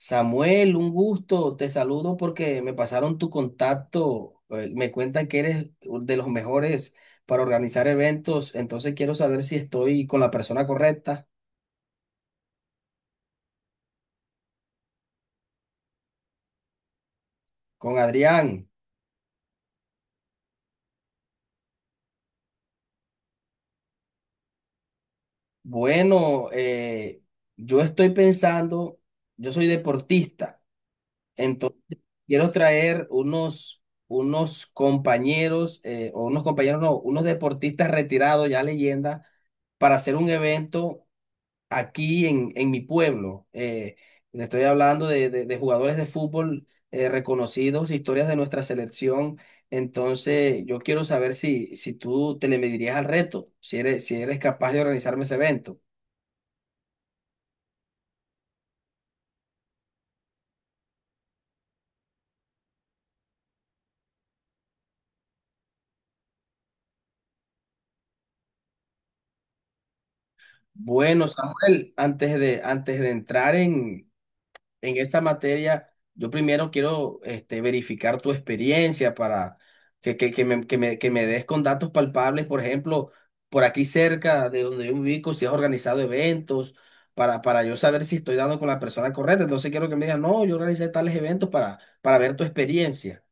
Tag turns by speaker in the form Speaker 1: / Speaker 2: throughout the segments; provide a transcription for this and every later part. Speaker 1: Samuel, un gusto, te saludo porque me pasaron tu contacto, me cuentan que eres de los mejores para organizar eventos, entonces quiero saber si estoy con la persona correcta, con Adrián. Bueno, yo estoy pensando, yo soy deportista, entonces quiero traer unos compañeros, o unos compañeros, no, unos deportistas retirados, ya leyenda, para hacer un evento aquí en mi pueblo. Le estoy hablando de jugadores de fútbol reconocidos, historias de nuestra selección. Entonces, yo quiero saber si tú te le medirías al reto, si eres capaz de organizarme ese evento. Bueno, Samuel, antes de entrar en esa materia, yo primero quiero este, verificar tu experiencia para que me des con datos palpables, por ejemplo, por aquí cerca de donde yo me ubico, si has organizado eventos, para yo saber si estoy dando con la persona correcta. Entonces quiero que me digas, no, yo organicé tales eventos para ver tu experiencia.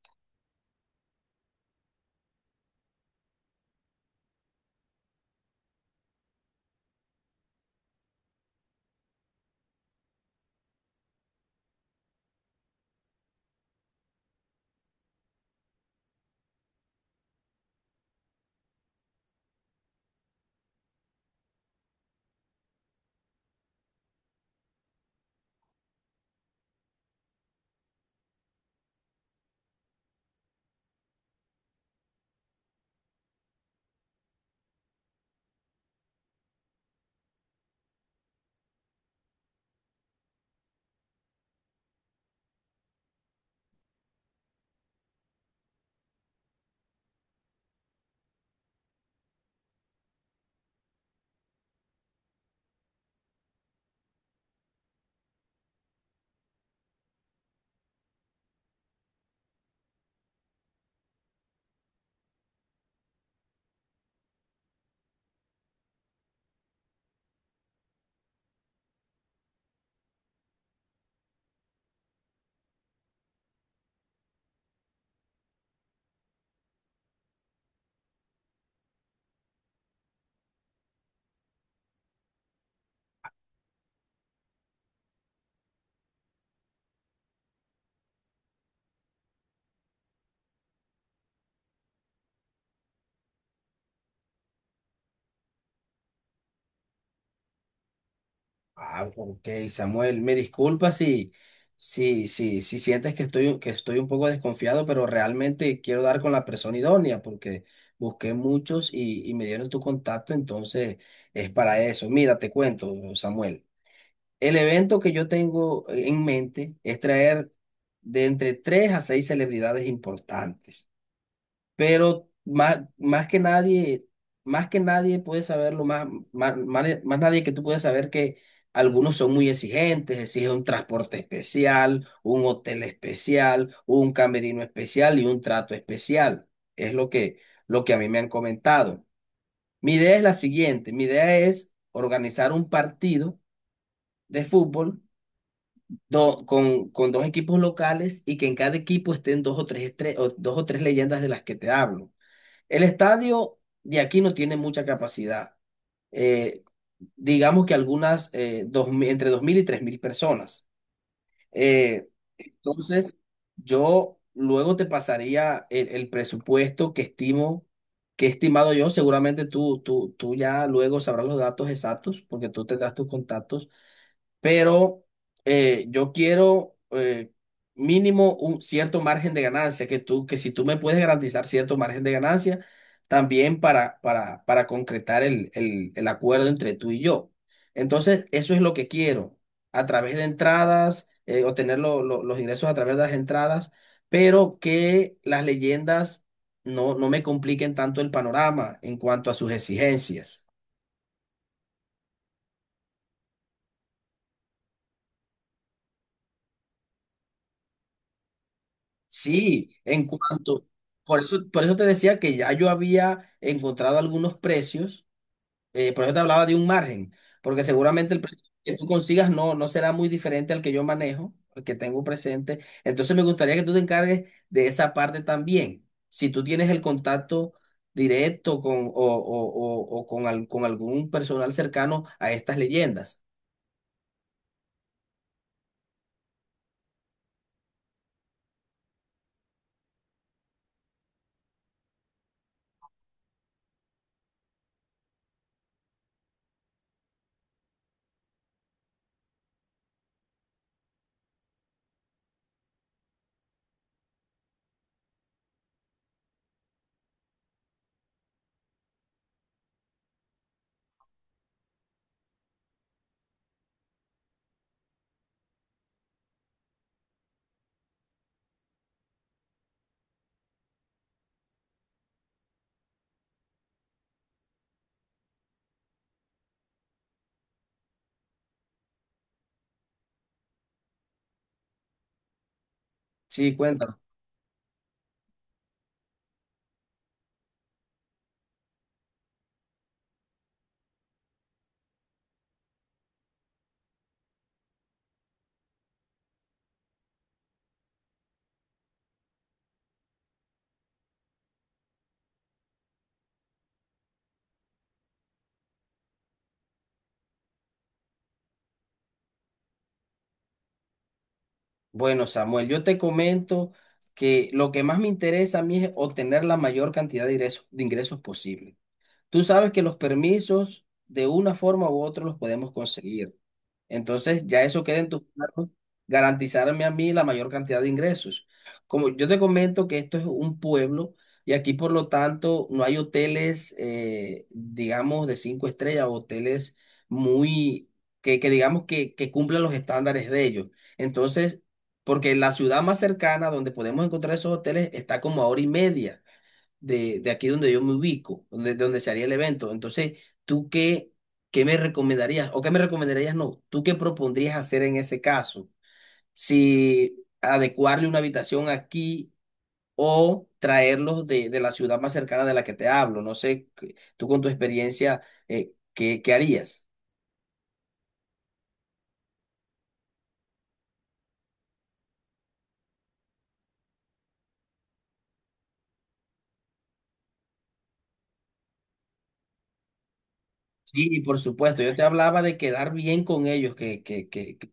Speaker 1: Ah, ok, Samuel, me disculpa si sientes que estoy un poco desconfiado, pero realmente quiero dar con la persona idónea porque busqué muchos y me dieron tu contacto, entonces es para eso. Mira, te cuento, Samuel. El evento que yo tengo en mente es traer de entre tres a seis celebridades importantes pero más que nadie puede saberlo, más nadie que tú puedes saber que algunos son muy exigentes, exigen un transporte especial, un hotel especial, un camerino especial y un trato especial. Es lo que a mí me han comentado. Mi idea es la siguiente, mi idea es organizar un partido de fútbol con dos equipos locales y que en cada equipo estén dos o tres leyendas de las que te hablo. El estadio de aquí no tiene mucha capacidad. Eh, digamos que algunas, 2.000 entre 2.000 y 3.000 personas. Eh, entonces, yo luego te pasaría el presupuesto que estimo, que he estimado yo. Seguramente tú ya luego sabrás los datos exactos, porque tú tendrás tus contactos pero yo quiero mínimo un cierto margen de ganancia, que si tú me puedes garantizar cierto margen de ganancia, también para concretar el acuerdo entre tú y yo. Entonces, eso es lo que quiero, a través de entradas, obtener los ingresos a través de las entradas, pero que las leyendas no me compliquen tanto el panorama en cuanto a sus exigencias. Sí, en cuanto, por eso te decía que ya yo había encontrado algunos precios, por eso te hablaba de un margen, porque seguramente el precio que tú consigas no será muy diferente al que yo manejo, al que tengo presente. Entonces me gustaría que tú te encargues de esa parte también. Si tú tienes el contacto directo con, o con, al- con algún personal cercano a estas leyendas. Sí, cuéntame. Bueno, Samuel, yo te comento que lo que más me interesa a mí es obtener la mayor cantidad de ingresos posible. Tú sabes que los permisos, de una forma u otra, los podemos conseguir. Entonces, ya eso queda en tus manos, garantizarme a mí la mayor cantidad de ingresos. Como yo te comento que esto es un pueblo y aquí, por lo tanto, no hay hoteles, digamos, de cinco estrellas, o hoteles muy, que digamos que cumplan los estándares de ellos. Entonces, porque la ciudad más cercana donde podemos encontrar esos hoteles está como a hora y media de aquí donde yo me ubico, donde se haría el evento. Entonces, ¿tú qué me recomendarías? ¿O qué me recomendarías no? ¿Tú qué propondrías hacer en ese caso? Si adecuarle una habitación aquí o traerlos de la ciudad más cercana de la que te hablo. No sé, que- tú con tu experiencia, ¿qué harías? Sí, por supuesto, yo te hablaba de quedar bien con ellos, que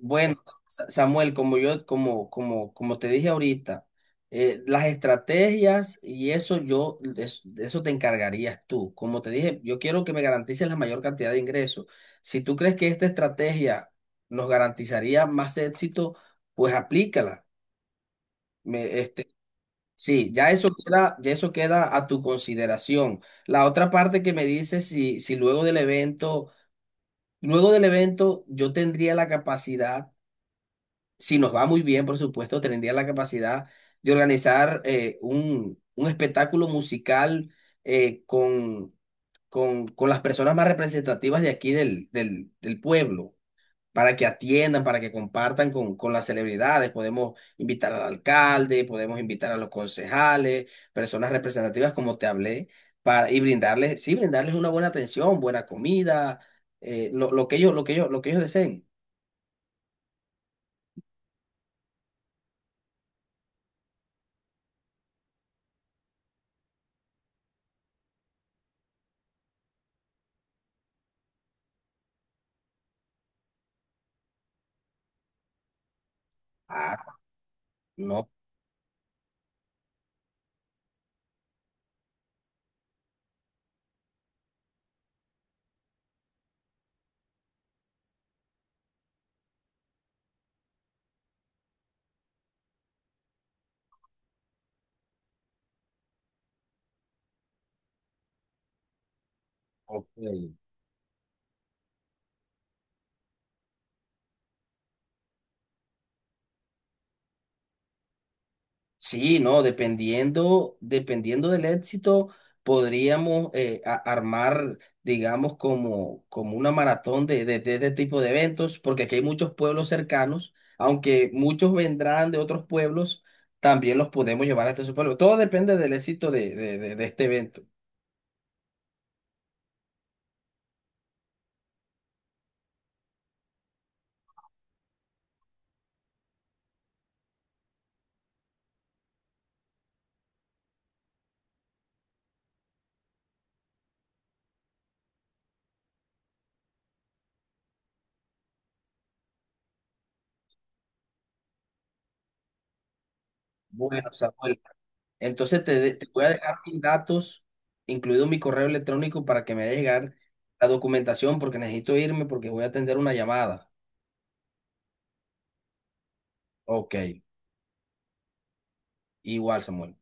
Speaker 1: Bueno, Samuel, como yo, como, como, como te dije ahorita, las estrategias y eso yo, de eso te encargarías tú. Como te dije, yo quiero que me garantices la mayor cantidad de ingresos. Si tú crees que esta estrategia nos garantizaría más éxito, pues aplícala. Este, sí, ya eso queda a tu consideración. La otra parte que me dices si luego del evento, yo tendría la capacidad si nos va muy bien, por supuesto, tendría la capacidad de organizar un espectáculo musical eh, con, con las personas más representativas de aquí del pueblo, para que atiendan, para que compartan con las celebridades. Podemos invitar al alcalde, podemos invitar a los concejales, personas representativas, como te hablé, y brindarles, sí, brindarles una buena atención, buena comida, lo que ellos, lo que ellos, lo que ellos deseen. Ah, no. Ok. Sí, no, dependiendo del éxito, podríamos armar, digamos, como una maratón de este tipo de eventos, porque aquí hay muchos pueblos cercanos, aunque muchos vendrán de otros pueblos, también los podemos llevar hasta su pueblo. Todo depende del éxito de este evento. Bueno, Samuel, entonces te voy a dejar mis datos, incluido mi correo electrónico, para que me haga llegar la documentación, porque necesito irme, porque voy a atender una llamada. Ok. Igual, Samuel.